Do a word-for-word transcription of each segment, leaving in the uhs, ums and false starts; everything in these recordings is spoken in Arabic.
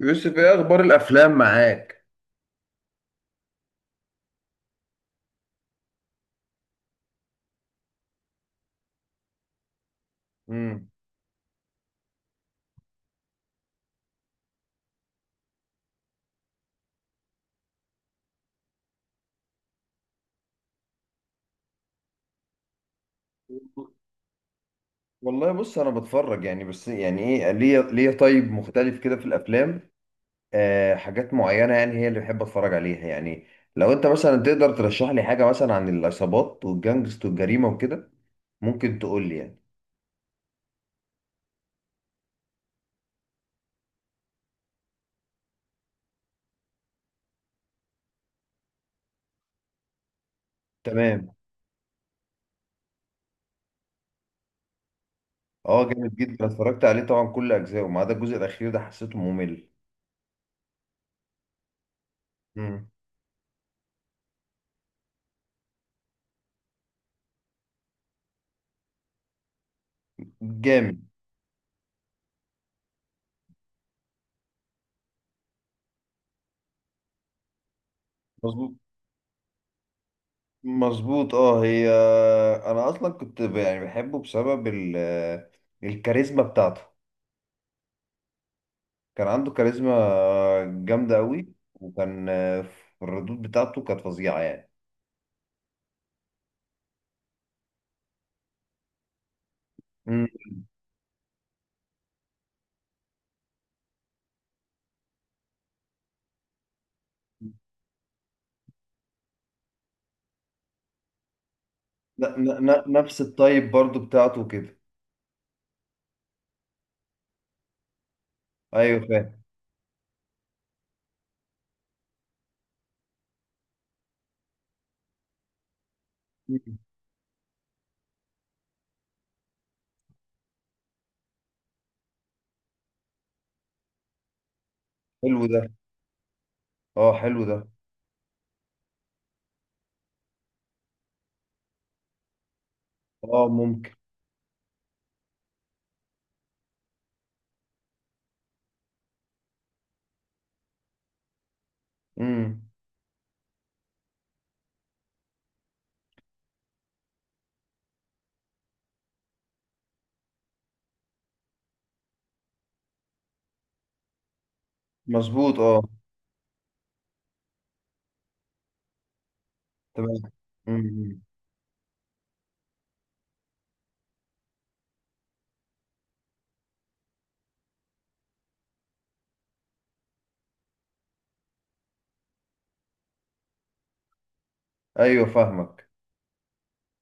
يوسف، ايه اخبار الافلام معاك؟ امم. والله، بص انا بتفرج يعني بس يعني ايه، ليه ليه طيب مختلف كده في الافلام؟ آه، حاجات معينه يعني هي اللي بحب اتفرج عليها يعني. لو انت مثلا تقدر ترشح لي حاجه مثلا عن العصابات والجانجست والجريمه وكده، ممكن تقول لي يعني. تمام. اه، جامد جدا. أنا اتفرجت عليه طبعا كل اجزائه ما عدا الجزء الاخير ده حسيته ممل. امم. جامد. مظبوط. مظبوط، اه. هي انا اصلا كنت ب- يعني بحبه بسبب ال... الكاريزما بتاعته. كان عنده كاريزما جامده قوي، وكان في الردود بتاعته كانت فظيعه يعني. مم. ن... ن... ن- نفس الطيب برضو بتاعته كده. ايوه، فاهم. مم. حلو ده. اه، حلو ده. اه، ممكن. امم. مظبوط، اه. تمام. امم. ايوه، فاهمك.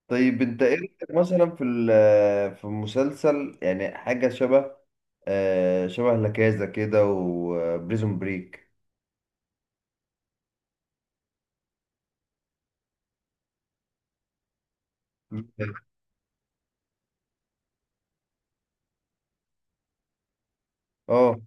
طيب، انت ايه رأيك مثلا في ال- في مسلسل يعني حاجة شبه آه، شبه لكازا كده وبريزون بريك. اه.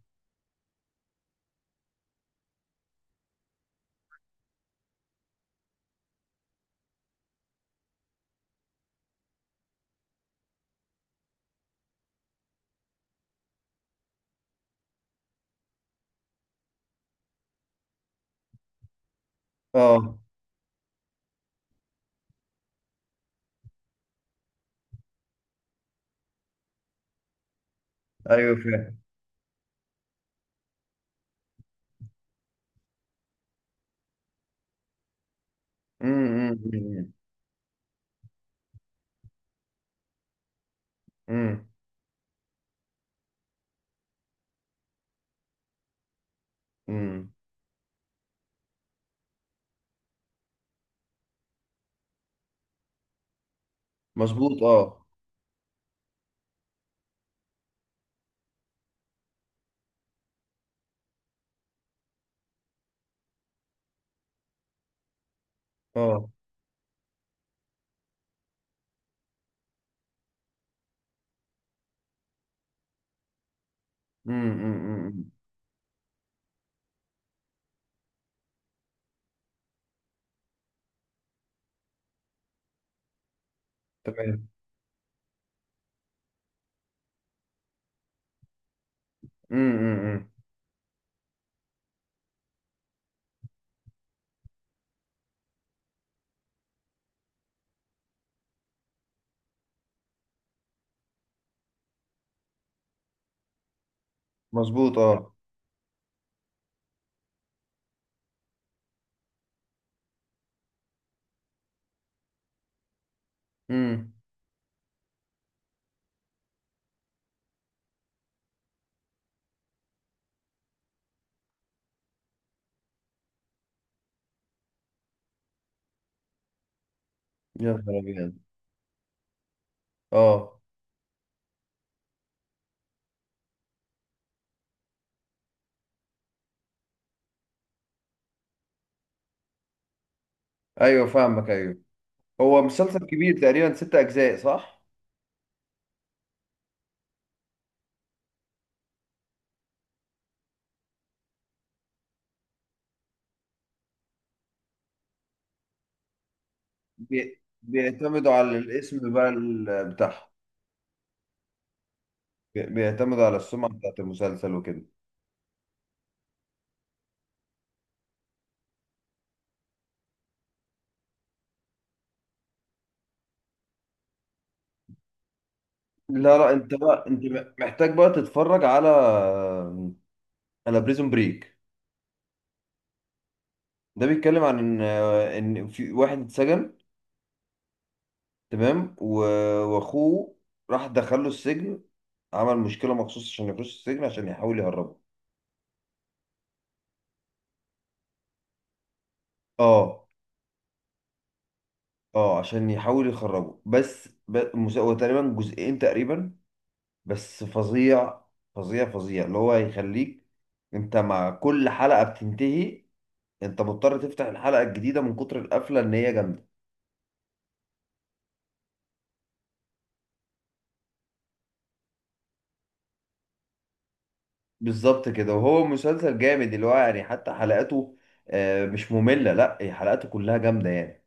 اه. ايوه، فاهم. أمم، أمم، أمم، أمم. مظبوط، اه. اه. أمم، أمم، أمم. إمم. تمام. أمم، أمم، أمم. مظبوط، اه. أمم. يا نهار ابيض! اه. ايوه، فاهمك، ايوه. هو مسلسل كبير تقريبا، ست اجزاء، صح؟ بي- بيعتمدوا على الاسم بقى ال- بتاعهم. بي- بيعتمد على السمعة بتاعت المسلسل وكده. لا، لا، انت بقى انت م- محتاج بقى تتفرج على، على بريزون بريك. ده بيتكلم عن ان ان في واحد اتسجن. تمام، و- واخوه راح دخله السجن. عمل مشكلة مخصوص عشان يخش السجن عشان يحاول يهربه. اه. اه، عشان يحاول يخرجه بس ب... المس- هو تقريبا جزئين تقريبا. بس فظيع. فظيع فظيع اللي هو هيخليك، انت مع كل حلقة بتنتهي انت مضطر تفتح الحلقة الجديدة من كتر القفلة ان هي جامدة. بالظبط كده، وهو مسلسل جامد اللي هو يعني حتى حلقاته آه، مش مملة، لا هي حلقاته كلها جامدة يعني.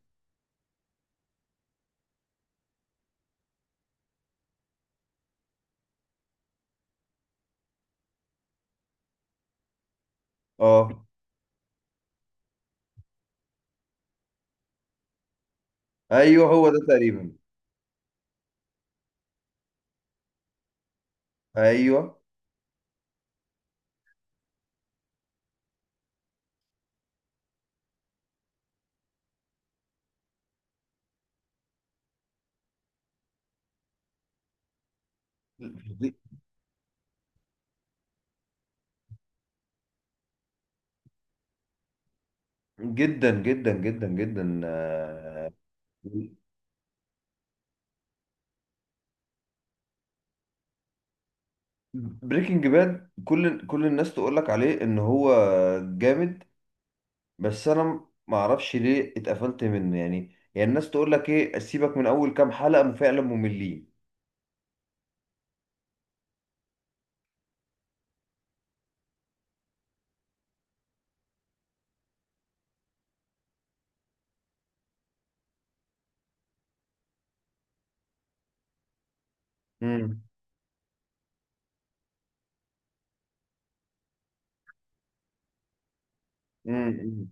اه. ايوه، هو ده تقريبا. ايوه. جدا جدا جدا جدا. بريكنج باد، كل كل الناس تقول لك عليه ان هو جامد. بس انا ما اعرفش ليه اتقفلت منه يعني يعني الناس تقول لك ايه، سيبك من اول كام حلقة فعلا مملين. مم.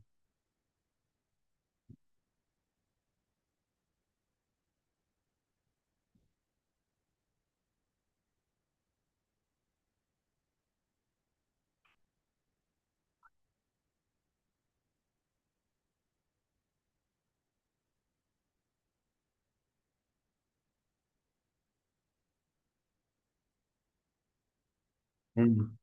مم.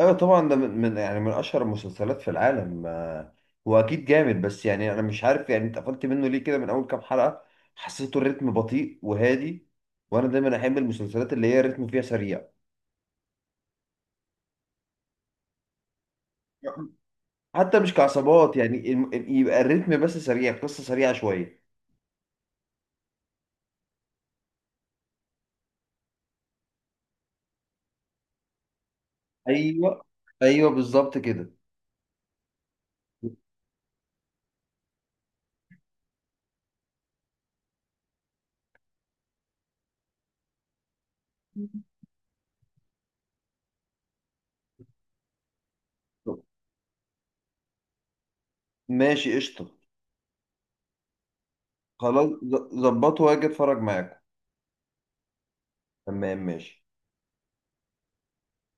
ايوه طبعا، ده من من- يعني من اشهر المسلسلات في العالم. آه، هو اكيد جامد، بس يعني انا مش عارف، يعني انت قفلت منه ليه كده من اول كام حلقة؟ حسيته الريتم بطيء وهادي، وانا دايما احب المسلسلات اللي هي الريتم فيها سريع. حتى مش كعصابات يعني، الم- يبقى الريتم بس سريع، قصة سريعة شوية. ايوه. ايوه، بالظبط كده. ماشي، قشطة. خلاص. ظبطه واجي اتفرج معاكم. تمام، ماشي.